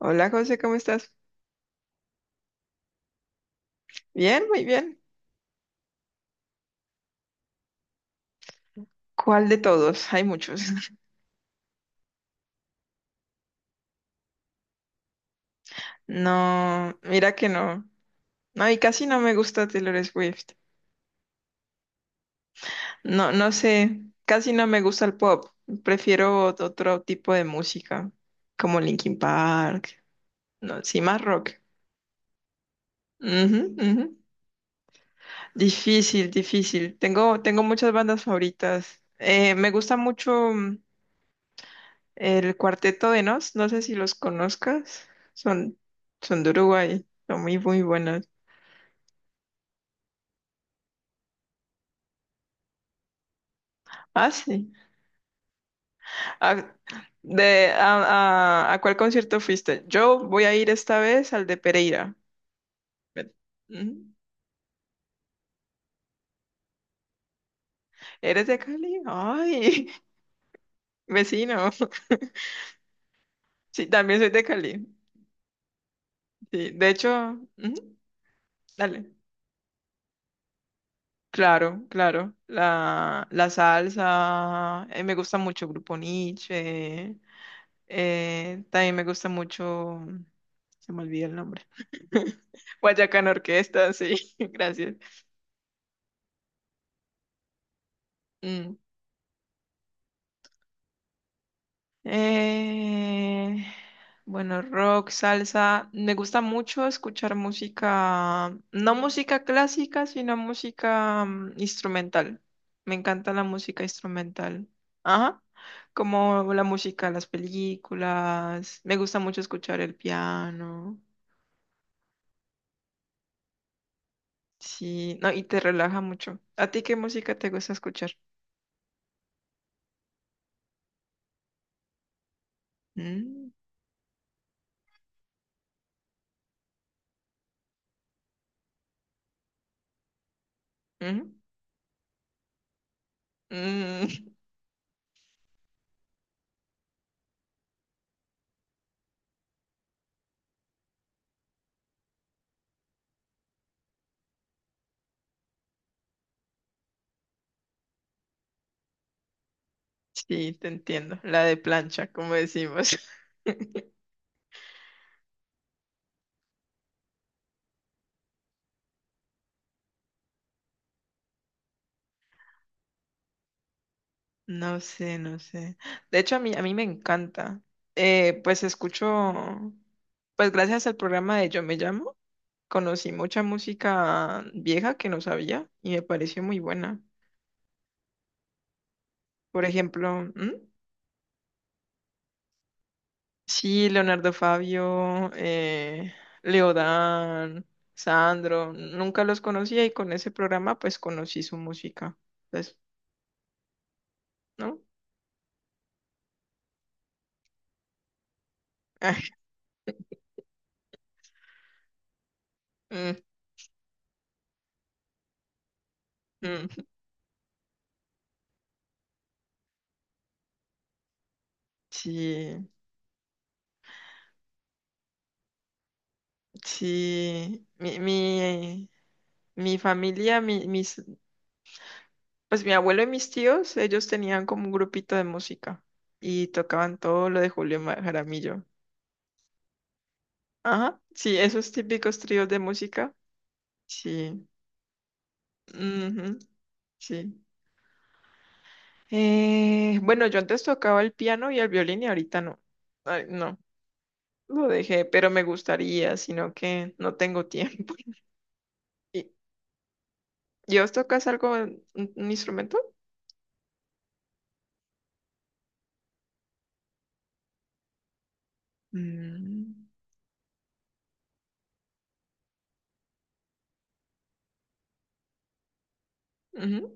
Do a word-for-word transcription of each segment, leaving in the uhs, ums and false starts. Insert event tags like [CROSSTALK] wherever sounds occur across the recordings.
Hola José, ¿cómo estás? Bien, muy bien. ¿Cuál de todos? Hay muchos. [LAUGHS] No, mira que no. No, y casi no me gusta Taylor Swift. No, no sé, casi no me gusta el pop. Prefiero ot- otro tipo de música, como Linkin Park, no, sí, más rock. Ujú, ujú. Difícil, difícil. Tengo, tengo muchas bandas favoritas. Eh, me gusta mucho. mm, El Cuarteto de Nos, no sé si los conozcas, son, son de Uruguay, son muy, muy buenos. Ah, sí. ¿A, de, a, a- ¿A cuál concierto fuiste? Yo voy a ir esta vez al de Pereira. Ve- Ujú. ¿Eres de Cali? Ay, [LAUGHS] vecino. [LAUGHS] Sí, también soy de Cali. Sí, de hecho, ujú, dale. Claro, claro. La, la salsa, eh, me gusta mucho Grupo Niche. Eh, también me gusta mucho, se me olvida el nombre. [LAUGHS] Guayacán Orquesta, sí, [LAUGHS] gracias. Mm. Eh, bueno, rock, salsa. Me gusta mucho escuchar música, no música clásica, sino música mm, instrumental. Me encanta la música instrumental. Ajá. Como la música de las películas. Me gusta mucho escuchar el piano. Sí, no, y te relaja mucho. ¿A ti qué música te gusta escuchar? Mm, mm, mm. [LAUGHS] Sí, te entiendo. La de plancha, como decimos. [LAUGHS] No sé, no sé. De hecho, a mí, a mí me encanta. Eh, pues escucho, pues gracias al programa de Yo Me Llamo, conocí mucha música vieja que no sabía y me pareció muy buena. Por ejemplo, ¿mm? Sí, Leonardo Fabio, eh, Leodán, Sandro, nunca los conocía y con ese programa pues conocí su música. Pues, ¿no? [LAUGHS] Mm, mm. Sí, sí. Mi, mi, mi familia, mi- mis, pues mi abuelo y mis tíos, ellos tenían como un grupito de música y tocaban todo lo de Julio Ma- Jaramillo. Ajá, sí, esos típicos tríos de música. Sí. Ujú, sí. Eh, bueno, yo antes tocaba el piano y el violín y ahorita no. Ay, no, lo dejé, pero me gustaría, sino que no tengo tiempo. [LAUGHS] ¿Y y vos tocas algo, un, un instrumento? Mm, ujú.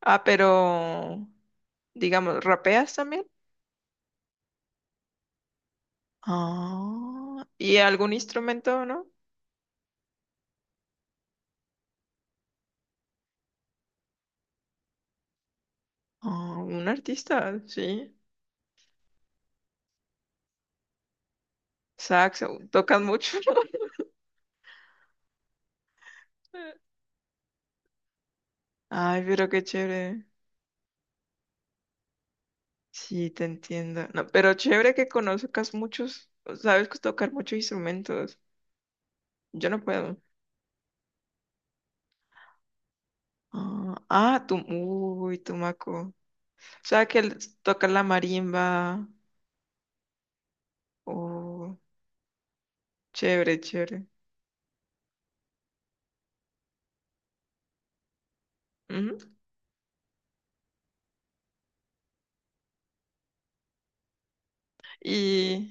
Ah, pero, digamos, ¿rapeas también? Ah, ¿y algún instrumento, no? Ah, un artista, sí. Saxo, ¿tocas mucho? [LAUGHS] Ay, pero qué chévere. Sí, te entiendo. No, pero chévere que conozcas muchos, sabes que tocar muchos instrumentos. Yo no puedo. Ah, ah, tú, uy, tumaco. O sea, que el- toca la marimba. Oh, chévere, chévere. Ujú. Y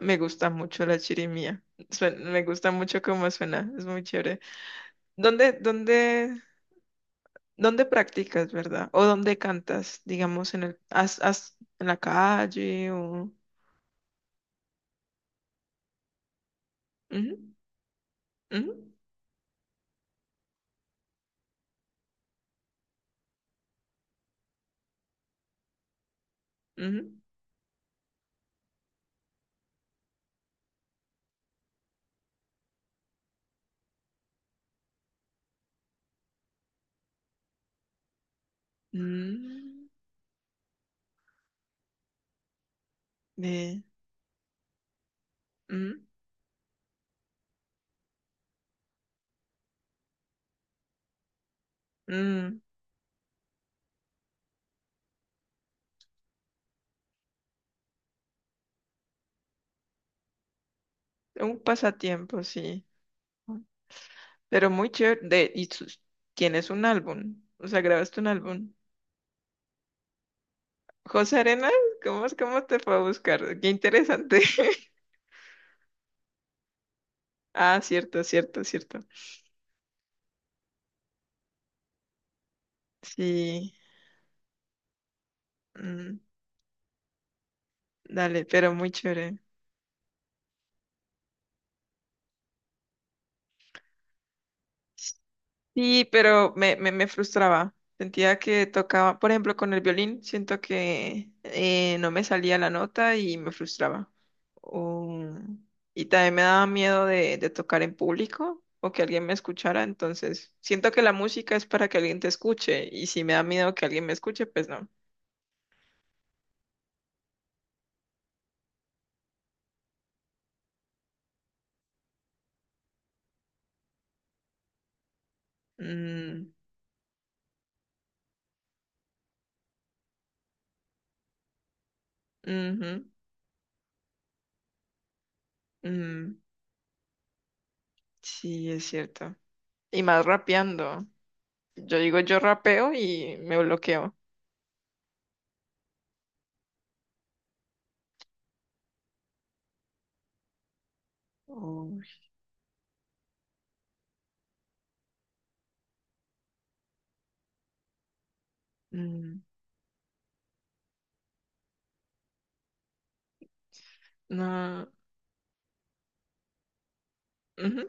me gusta mucho la chirimía. Suen- me gusta mucho cómo suena. Es muy chévere. ¿Dónde, dónde, ¿Dónde practicas, verdad? ¿O dónde cantas? Digamos, en el, has- has- en la calle o... Ujú, ujú. Ujú. Mm, de, mm, mm. Un pasatiempo, sí. Pero muy chévere. De, y sus- tienes un álbum. O sea, grabaste un álbum. José Arenas, ¿cómo, es- ¿cómo te fue a buscar? Qué interesante. [LAUGHS] Ah, cierto, cierto, cierto. Sí. mm, Dale, pero muy chévere. Sí, pero me, me, me frustraba. Sentía que tocaba, por ejemplo, con el violín, siento que eh, no me salía la nota y me frustraba. Um, y también me daba miedo de, de tocar en público o que alguien me escuchara. Entonces, siento que la música es para que alguien te escuche y si me da miedo que alguien me escuche, pues no. Mm, ujú, mm, sí, es cierto. Y más rapeando. Yo digo, yo rapeo y me bloqueo. Uy, mm, no. Ujú,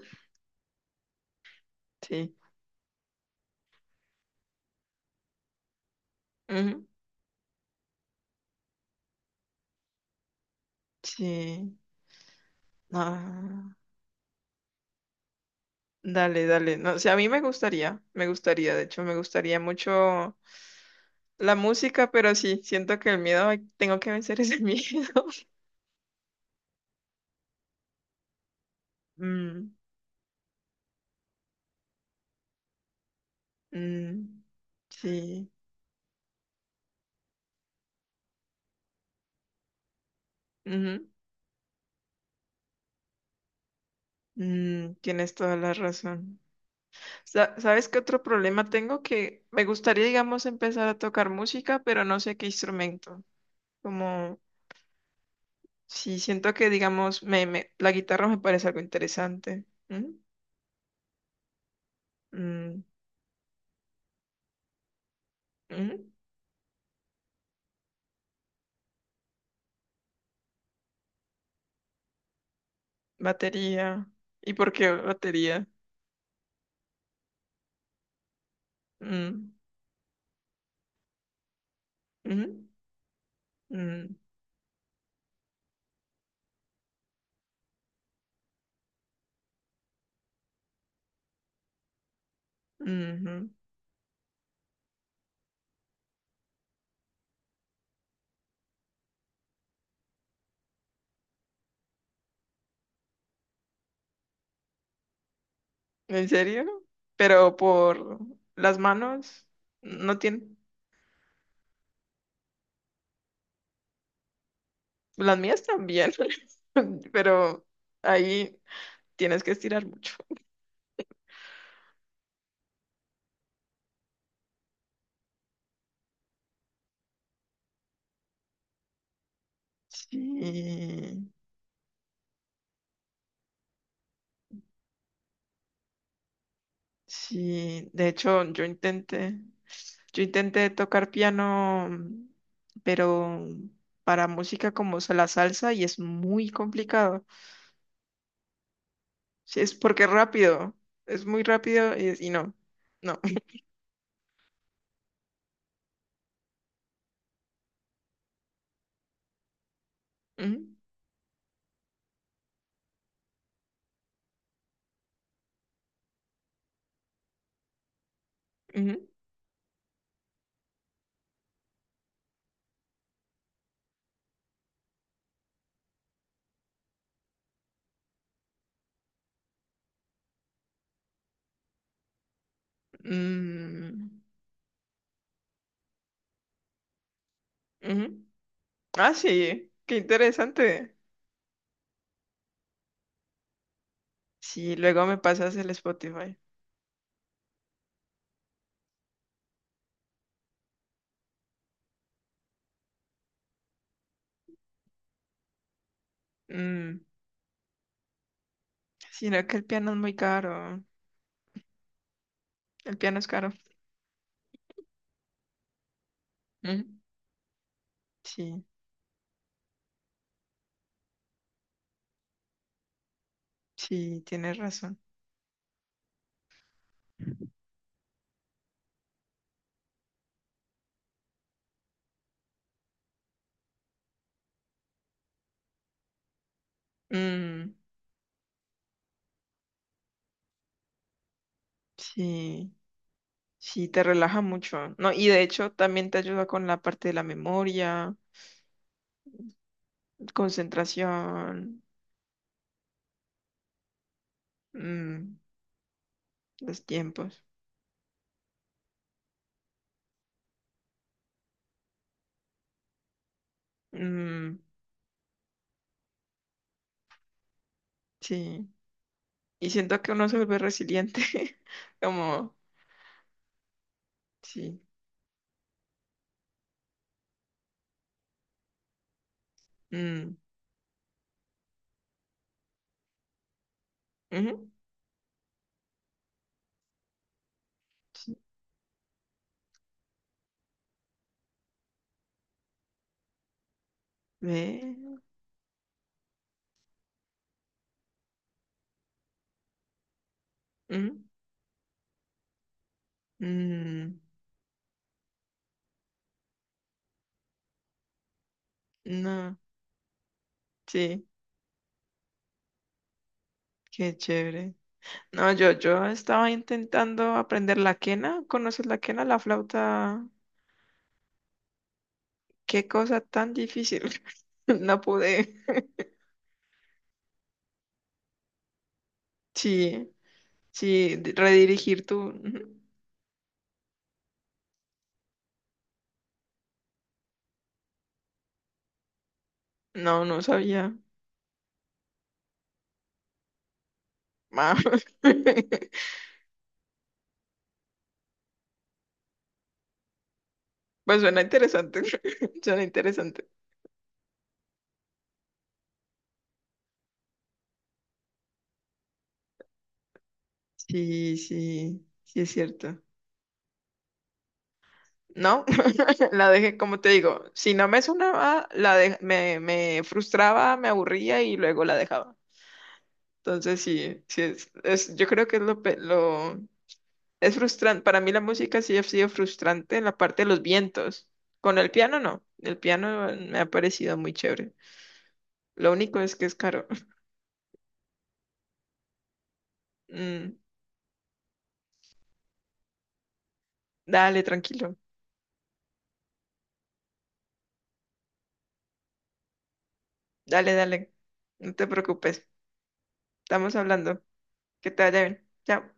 sí, ujú, sí. Ah, dale, dale. No, o sea, a mí me gustaría, me gustaría, de hecho, me gustaría mucho la música, pero sí, siento que el miedo, ay, tengo que vencer ese [LAUGHS] miedo. Mm, mm, sí, ujú, mm, tienes toda la razón. Sa- ¿Sabes qué otro problema tengo? Que me gustaría, digamos, empezar a tocar música, pero no sé qué instrumento. Como Sí, siento que, digamos, me, me- la guitarra me parece algo interesante. ¿Mm? Mm, mm. Batería. ¿Y por qué batería? Mm, mm, mm, ujú. ¿En serio? Pero por las manos, no tienen, las mías también, [LAUGHS] pero ahí tienes que estirar mucho. Sí. Sí, de hecho, yo intenté, yo intenté tocar piano, mm, pero para música como sa- la salsa y es muy complicado. Sí, es porque es rápido, es muy rápido y, y no, no. [LAUGHS] Ujú, ujú, mm, ujú. Ah, sí, qué interesante. Sí, luego me pasas el Spotify. Mm, Sino que el piano es muy caro, el piano es caro. Ujú. Sí, sí, tienes razón. Mm. Sí, sí, te relaja mucho, ¿no? Y de hecho también te ayuda con la parte de la memoria, concentración, mm, los tiempos. mm, sí, y siento que uno se vuelve resiliente, [LAUGHS] como, sí. Mm, ujú, sí, ve, ujú, mm, no, sí, qué chévere. No, yo, yo estaba intentando aprender la quena. ¿Conoces la quena, la flauta? Qué cosa tan difícil. [LAUGHS] No pude. Sí, sí, de- redirigir tu... No, no sabía. Ah, [LAUGHS] Pues suena interesante. [LAUGHS] Suena interesante. Sí, sí, sí es cierto. No, [LAUGHS] la dejé, como te digo, si no me sonaba, la de- me, me frustraba, me aburría y luego la dejaba. Entonces, sí, sí es, es- yo creo que es lo, pe- lo es frustrante, para mí la música sí ha sido frustrante en la parte de los vientos. Con el piano no, el piano me ha parecido muy chévere. Lo único es que es caro. [LAUGHS] Mm, Dale, tranquilo, dale, dale, no te preocupes, estamos hablando, que te vaya bien. Chao.